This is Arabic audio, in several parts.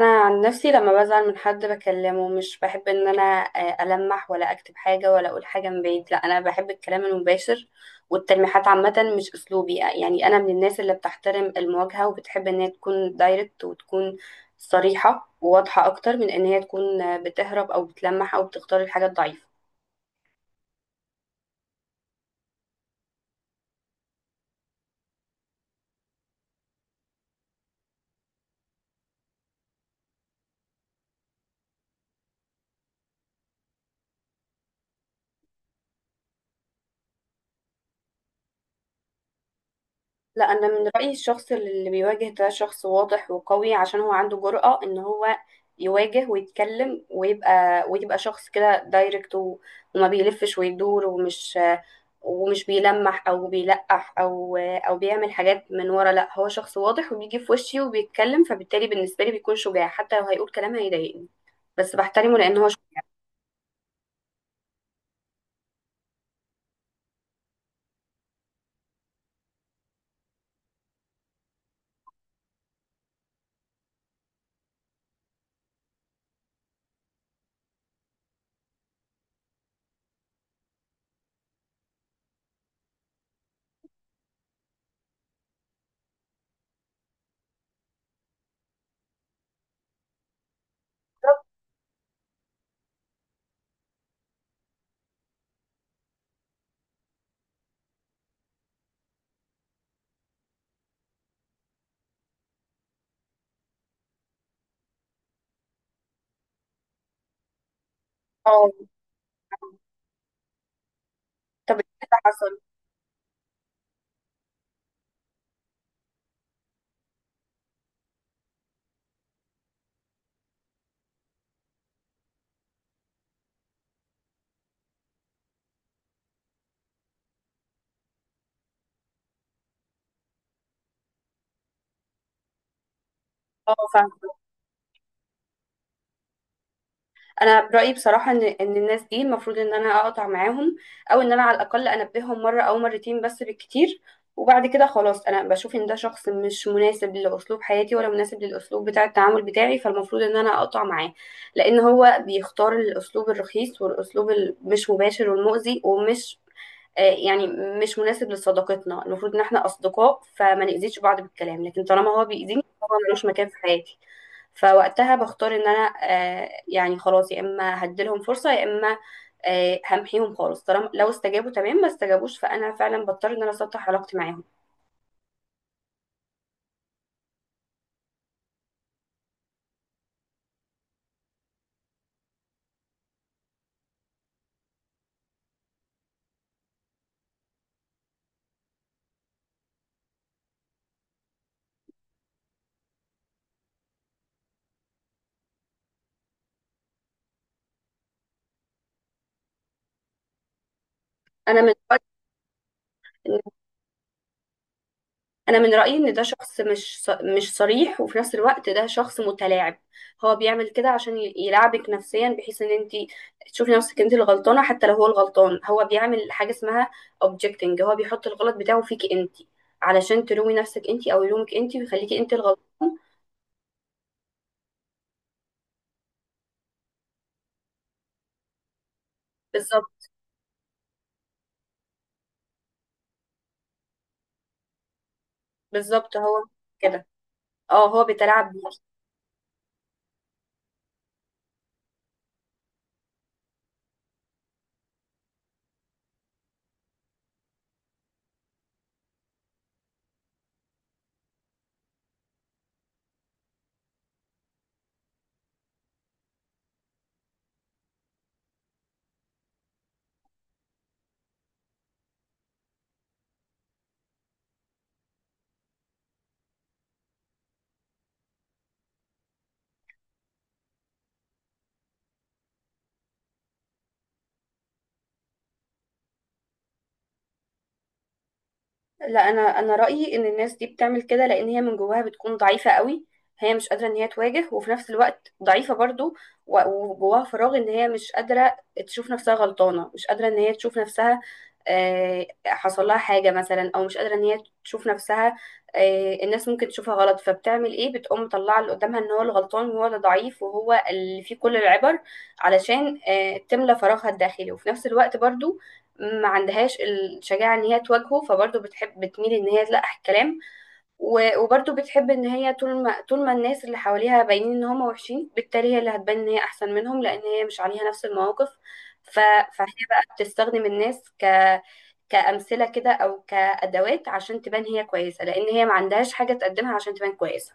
انا عن نفسي لما بزعل من حد بكلمه، مش بحب ان انا المح ولا اكتب حاجه ولا اقول حاجه من بعيد. لا انا بحب الكلام المباشر، والتلميحات عامه مش اسلوبي. يعني انا من الناس اللي بتحترم المواجهه، وبتحب ان هي تكون دايركت وتكون صريحه وواضحه اكتر من ان هي تكون بتهرب او بتلمح او بتختار الحاجه الضعيفه. لا، انا من رايي الشخص اللي بيواجه ده شخص واضح وقوي، عشان هو عنده جرأة ان هو يواجه ويتكلم، ويبقى شخص كده دايركت، وما بيلفش ويدور، ومش بيلمح او بيلقح او بيعمل حاجات من ورا. لا، هو شخص واضح وبيجي في وشي وبيتكلم، فبالتالي بالنسبه لي بيكون شجاع. حتى لو هيقول كلام هيضايقني، بس بحترمه لان هو شخص. اه. طب إيه اللي حصل؟ اه، فاهمه. انا برايي بصراحه ان الناس دي المفروض ان انا اقطع معاهم، او ان انا على الاقل انبههم مره او مرتين بس بالكتير، وبعد كده خلاص انا بشوف ان ده شخص مش مناسب لاسلوب حياتي ولا مناسب للاسلوب بتاع التعامل بتاعي، فالمفروض ان انا اقطع معاه. لان هو بيختار الاسلوب الرخيص والاسلوب المش مباشر والمؤذي، ومش آه، يعني مش مناسب لصداقتنا. المفروض ان احنا اصدقاء، فما نأذيش بعض بالكلام، لكن طالما هو بيأذيني، هو ملوش مكان في حياتي. فوقتها بختار ان انا يعني خلاص، يا اما هديلهم فرصة، يا اما همحيهم خالص. طالما لو استجابوا تمام، ما استجابوش فانا فعلا بضطر ان انا اسطح علاقتي معاهم. انا من انا من رايي ان ده شخص مش صريح، وفي نفس الوقت ده شخص متلاعب. هو بيعمل كده عشان يلعبك نفسيا، بحيث ان انت تشوفي نفسك انت الغلطانه حتى لو هو الغلطان. هو بيعمل حاجه اسمها objecting، هو بيحط الغلط بتاعه فيكي انت، علشان تلومي نفسك انت او يلومك انت ويخليكي انت الغلطان. بالظبط. بالظبط، هو كده. اه، هو بيتلاعب بيكي. لا، انا رايي ان الناس دي بتعمل كده لان هي من جواها بتكون ضعيفه قوي. هي مش قادره ان هي تواجه، وفي نفس الوقت ضعيفه برضو، و- وجواها فراغ. ان هي مش قادره تشوف نفسها غلطانه، مش قادره ان هي تشوف نفسها، حصل لها حاجه مثلا، او مش قادره ان هي تشوف نفسها الناس ممكن تشوفها غلط. فبتعمل ايه؟ بتقوم مطلعه اللي قدامها ان هو الغلطان، وهو اللي ضعيف، وهو اللي فيه كل العبر، علشان تملى فراغها الداخلي. وفي نفس الوقت برضو ما عندهاش الشجاعة ان هي تواجهه، فبرضه بتحب بتميل ان هي تلقح الكلام. وبرضه بتحب ان هي، طول ما الناس اللي حواليها باينين ان هم وحشين، بالتالي هي اللي هتبان ان هي احسن منهم، لان هي مش عليها نفس المواقف. ف... فهي بقى بتستخدم الناس ك كأمثلة كده او كأدوات، عشان تبان هي كويسة، لان هي ما عندهاش حاجة تقدمها عشان تبان كويسة.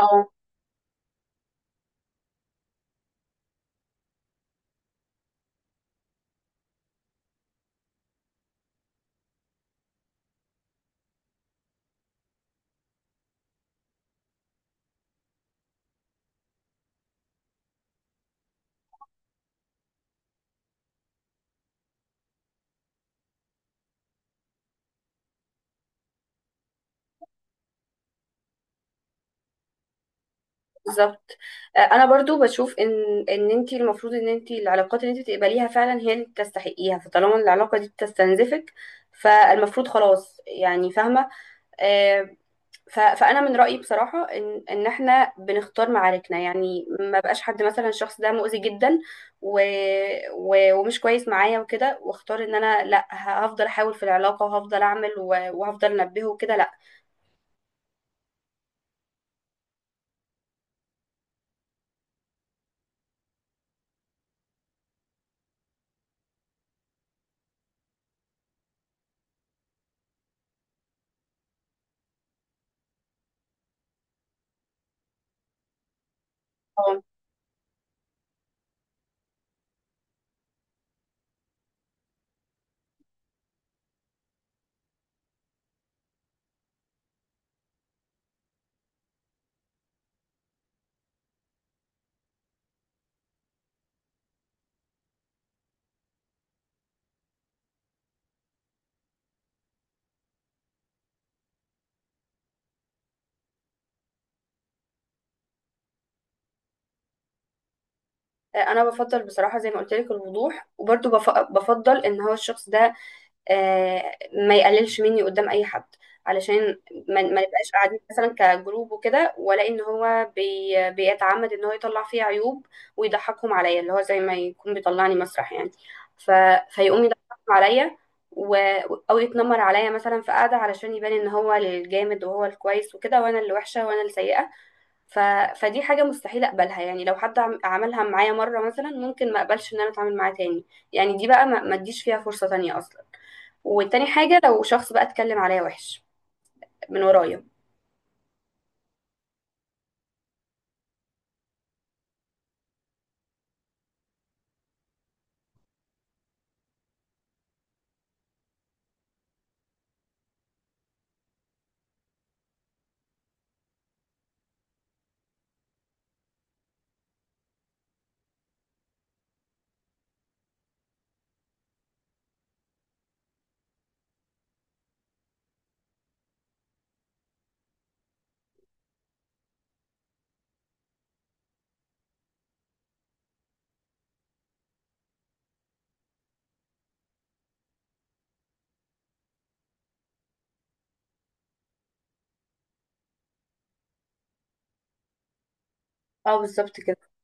او بالظبط. انا برضو بشوف ان انت المفروض ان انت العلاقات اللي انت تقبليها فعلا هي اللي تستحقيها، فطالما العلاقه دي بتستنزفك، فالمفروض خلاص، يعني فاهمه. آه، فانا من رايي بصراحه ان احنا بنختار معاركنا. يعني ما بقاش حد مثلا الشخص ده مؤذي جدا و و ومش كويس معايا وكده، واختار ان انا، لا، هفضل احاول في العلاقه، وهفضل اعمل، وهفضل انبهه وكده؟ لا. انا بفضل بصراحه، زي ما قلت لك، الوضوح، وبرضه بفضل ان هو الشخص ده ما يقللش مني قدام اي حد، علشان ما نبقاش قاعدين مثلا كجروب وكده، والاقي ان هو بيتعمد ان هو يطلع فيه عيوب ويضحكهم عليا، اللي هو زي ما يكون بيطلعني مسرح يعني. ف... فيقوم يضحكهم عليا، و... او يتنمر عليا مثلا في قعده، علشان يبان ان هو الجامد وهو الكويس وكده، وانا اللي وحشه وانا اللي سيئه. ف... فدي حاجة مستحيل أقبلها. يعني لو حد عملها معايا مرة مثلا، ممكن ما أقبلش إن أنا أتعامل معاه تاني، يعني دي بقى ما أديش فيها فرصة تانية أصلا. والتاني حاجة، لو شخص بقى اتكلم عليا وحش من ورايا. اه، بالظبط كده.